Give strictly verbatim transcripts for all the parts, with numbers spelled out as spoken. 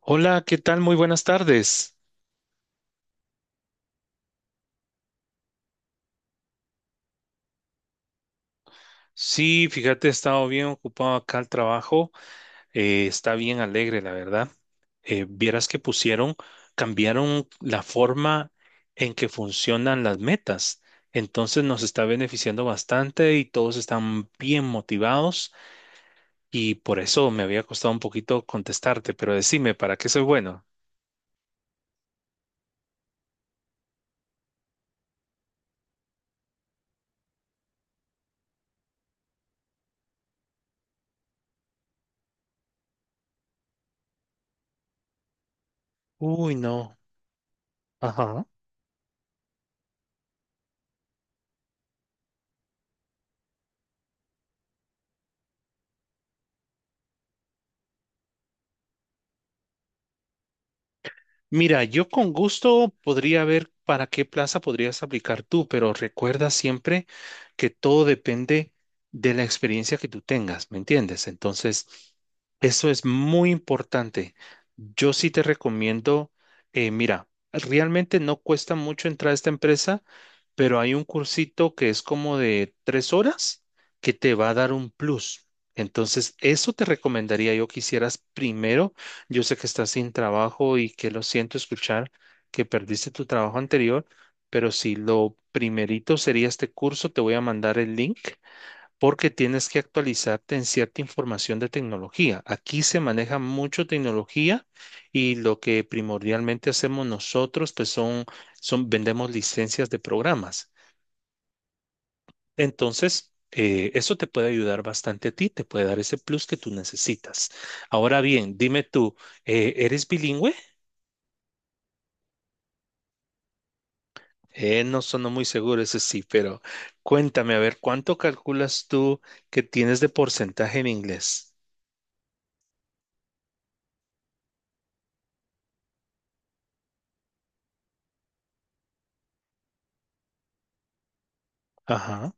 Hola, ¿qué tal? Muy buenas tardes. Sí, fíjate, he estado bien ocupado acá al trabajo. Eh, está bien alegre, la verdad. Eh, vieras que pusieron, cambiaron la forma en que funcionan las metas. Entonces nos está beneficiando bastante y todos están bien motivados y por eso me había costado un poquito contestarte, pero decime, ¿para qué soy bueno? Uy, no. Ajá. Mira, yo con gusto podría ver para qué plaza podrías aplicar tú, pero recuerda siempre que todo depende de la experiencia que tú tengas, ¿me entiendes? Entonces, eso es muy importante. Yo sí te recomiendo, eh, mira, realmente no cuesta mucho entrar a esta empresa, pero hay un cursito que es como de tres horas que te va a dar un plus. Entonces, eso te recomendaría yo que hicieras primero. Yo sé que estás sin trabajo y que lo siento escuchar que perdiste tu trabajo anterior, pero si lo primerito sería este curso, te voy a mandar el link porque tienes que actualizarte en cierta información de tecnología. Aquí se maneja mucho tecnología y lo que primordialmente hacemos nosotros, pues son, son vendemos licencias de programas. Entonces, eh, eso te puede ayudar bastante a ti, te puede dar ese plus que tú necesitas. Ahora bien, dime tú, eh, ¿eres bilingüe? Eh, no sonó muy seguro, eso sí, pero cuéntame, a ver, ¿cuánto calculas tú que tienes de porcentaje en inglés? Ajá.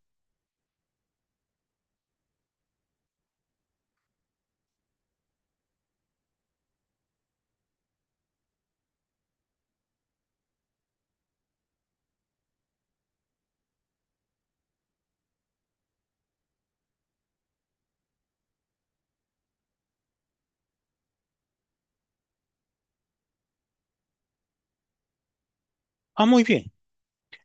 Ah, muy bien.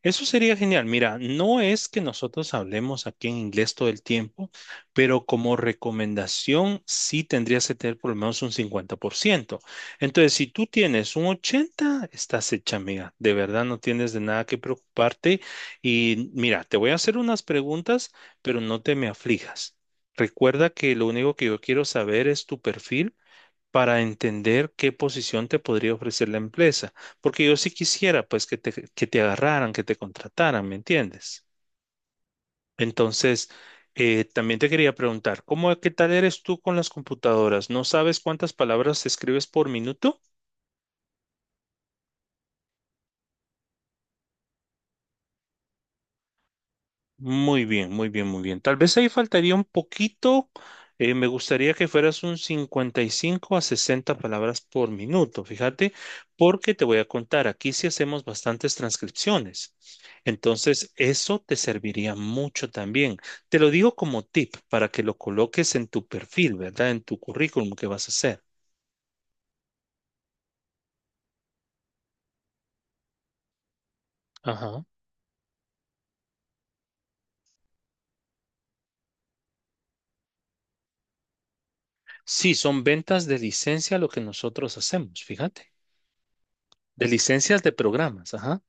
Eso sería genial. Mira, no es que nosotros hablemos aquí en inglés todo el tiempo, pero como recomendación sí tendrías que tener por lo menos un cincuenta por ciento. Entonces, si tú tienes un ochenta, estás hecha, amiga. De verdad, no tienes de nada que preocuparte. Y mira, te voy a hacer unas preguntas, pero no te me aflijas. Recuerda que lo único que yo quiero saber es tu perfil para entender qué posición te podría ofrecer la empresa. Porque yo sí quisiera, pues, que te, que te agarraran, que te contrataran, ¿me entiendes? Entonces, eh, también te quería preguntar, ¿cómo, qué tal eres tú con las computadoras? ¿No sabes cuántas palabras escribes por minuto? Muy bien, muy bien, muy bien. Tal vez ahí faltaría un poquito. Eh, me gustaría que fueras un cincuenta y cinco a sesenta palabras por minuto, fíjate, porque te voy a contar, aquí sí hacemos bastantes transcripciones. Entonces, eso te serviría mucho también. Te lo digo como tip para que lo coloques en tu perfil, ¿verdad? En tu currículum que vas a hacer. Ajá. Sí, son ventas de licencia lo que nosotros hacemos, fíjate. De licencias de programas, ajá.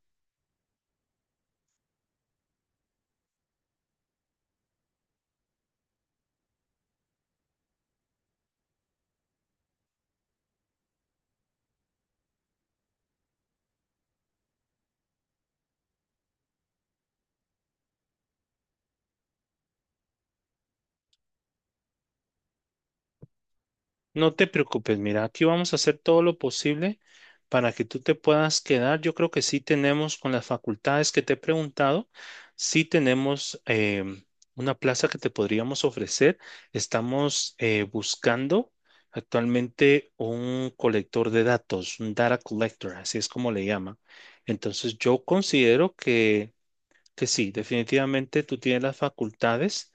No te preocupes, mira, aquí vamos a hacer todo lo posible para que tú te puedas quedar. Yo creo que sí tenemos con las facultades que te he preguntado, sí tenemos em, una plaza que te podríamos ofrecer. Estamos eh, buscando actualmente un colector de datos, un data collector, así es como le llaman. Entonces yo considero que, que sí, definitivamente tú tienes las facultades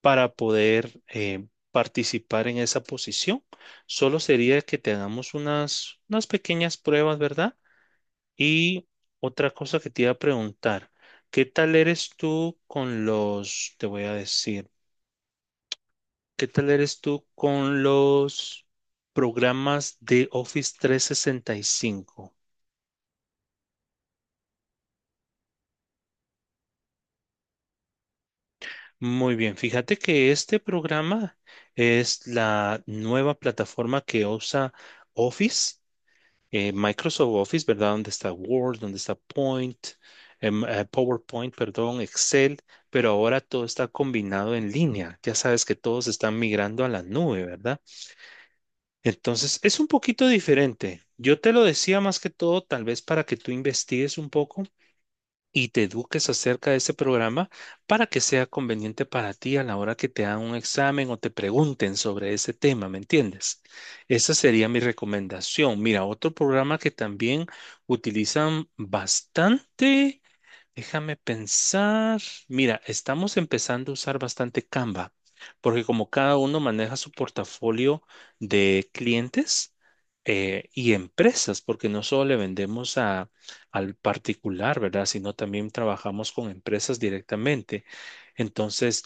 para poder eh, participar en esa posición. Solo sería que te hagamos unas, unas pequeñas pruebas, ¿verdad? Y otra cosa que te iba a preguntar, ¿qué tal eres tú con los, te voy a decir, ¿qué tal eres tú con los programas de Office trescientos sesenta y cinco? Muy bien, fíjate que este programa es la nueva plataforma que usa Office eh, Microsoft Office, ¿verdad? Donde está Word, donde está Point, em, eh, PowerPoint, perdón, Excel, pero ahora todo está combinado en línea. Ya sabes que todos están migrando a la nube, ¿verdad? Entonces, es un poquito diferente. Yo te lo decía más que todo, tal vez para que tú investigues un poco y te eduques acerca de ese programa para que sea conveniente para ti a la hora que te hagan un examen o te pregunten sobre ese tema, ¿me entiendes? Esa sería mi recomendación. Mira, otro programa que también utilizan bastante. Déjame pensar. Mira, estamos empezando a usar bastante Canva, porque como cada uno maneja su portafolio de clientes eh, y empresas, porque no solo le vendemos a, al particular, ¿verdad? Sino también trabajamos con empresas directamente. Entonces,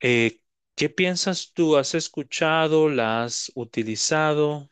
eh, ¿qué piensas tú? ¿Has escuchado? ¿La has utilizado?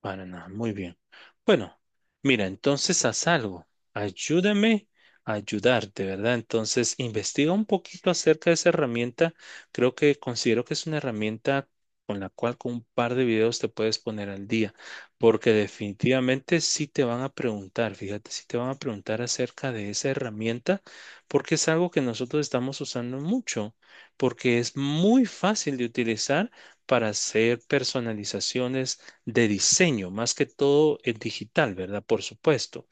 Para nada, muy bien. Bueno, mira, entonces haz algo. Ayúdame a ayudarte, ¿verdad? Entonces, investiga un poquito acerca de esa herramienta. Creo que considero que es una herramienta con la cual con un par de videos te puedes poner al día, porque definitivamente sí te van a preguntar, fíjate, sí te van a preguntar acerca de esa herramienta, porque es algo que nosotros estamos usando mucho, porque es muy fácil de utilizar para hacer personalizaciones de diseño, más que todo es digital, ¿verdad? Por supuesto.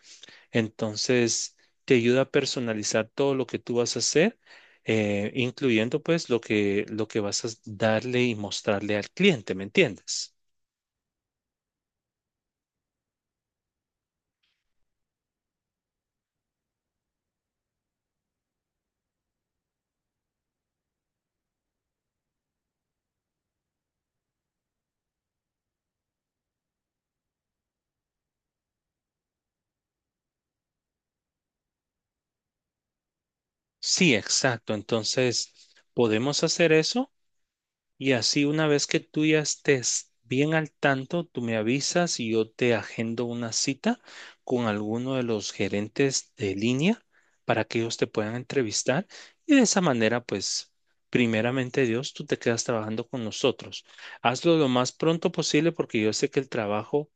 Entonces, te ayuda a personalizar todo lo que tú vas a hacer, eh, incluyendo pues lo que, lo que vas a darle y mostrarle al cliente, ¿me entiendes? Sí, exacto. Entonces, podemos hacer eso. Y así una vez que tú ya estés bien al tanto, tú me avisas y yo te agendo una cita con alguno de los gerentes de línea para que ellos te puedan entrevistar. Y de esa manera, pues, primeramente Dios, tú te quedas trabajando con nosotros. Hazlo lo más pronto posible porque yo sé que el trabajo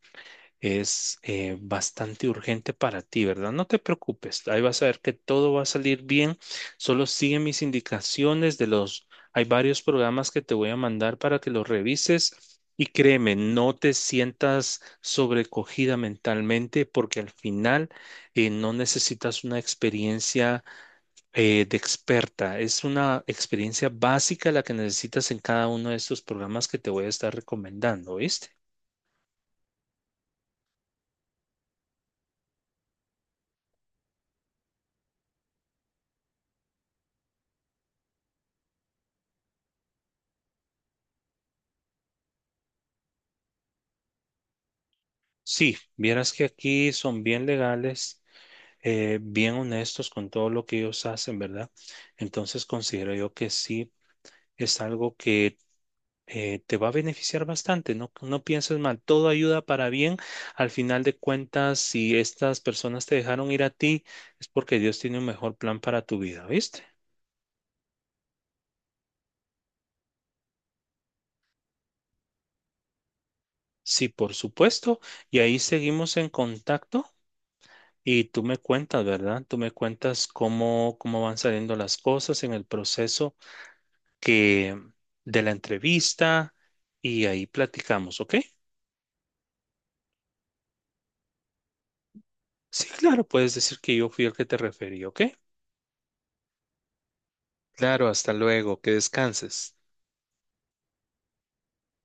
es eh, bastante urgente para ti, ¿verdad? No te preocupes, ahí vas a ver que todo va a salir bien, solo sigue mis indicaciones de los, hay varios programas que te voy a mandar para que los revises y créeme, no te sientas sobrecogida mentalmente porque al final eh, no necesitas una experiencia eh, de experta, es una experiencia básica la que necesitas en cada uno de estos programas que te voy a estar recomendando, ¿viste? Sí, vieras que aquí son bien legales, eh, bien honestos con todo lo que ellos hacen, ¿verdad? Entonces considero yo que sí es algo que eh, te va a beneficiar bastante, no, no pienses mal, todo ayuda para bien. Al final de cuentas, si estas personas te dejaron ir a ti, es porque Dios tiene un mejor plan para tu vida, ¿viste? Sí, por supuesto. Y ahí seguimos en contacto. Y tú me cuentas, ¿verdad? Tú me cuentas cómo, cómo van saliendo las cosas en el proceso que de la entrevista y ahí platicamos, ¿ok? Sí, claro, puedes decir que yo fui el que te referí, ¿ok? Claro, hasta luego, que descanses.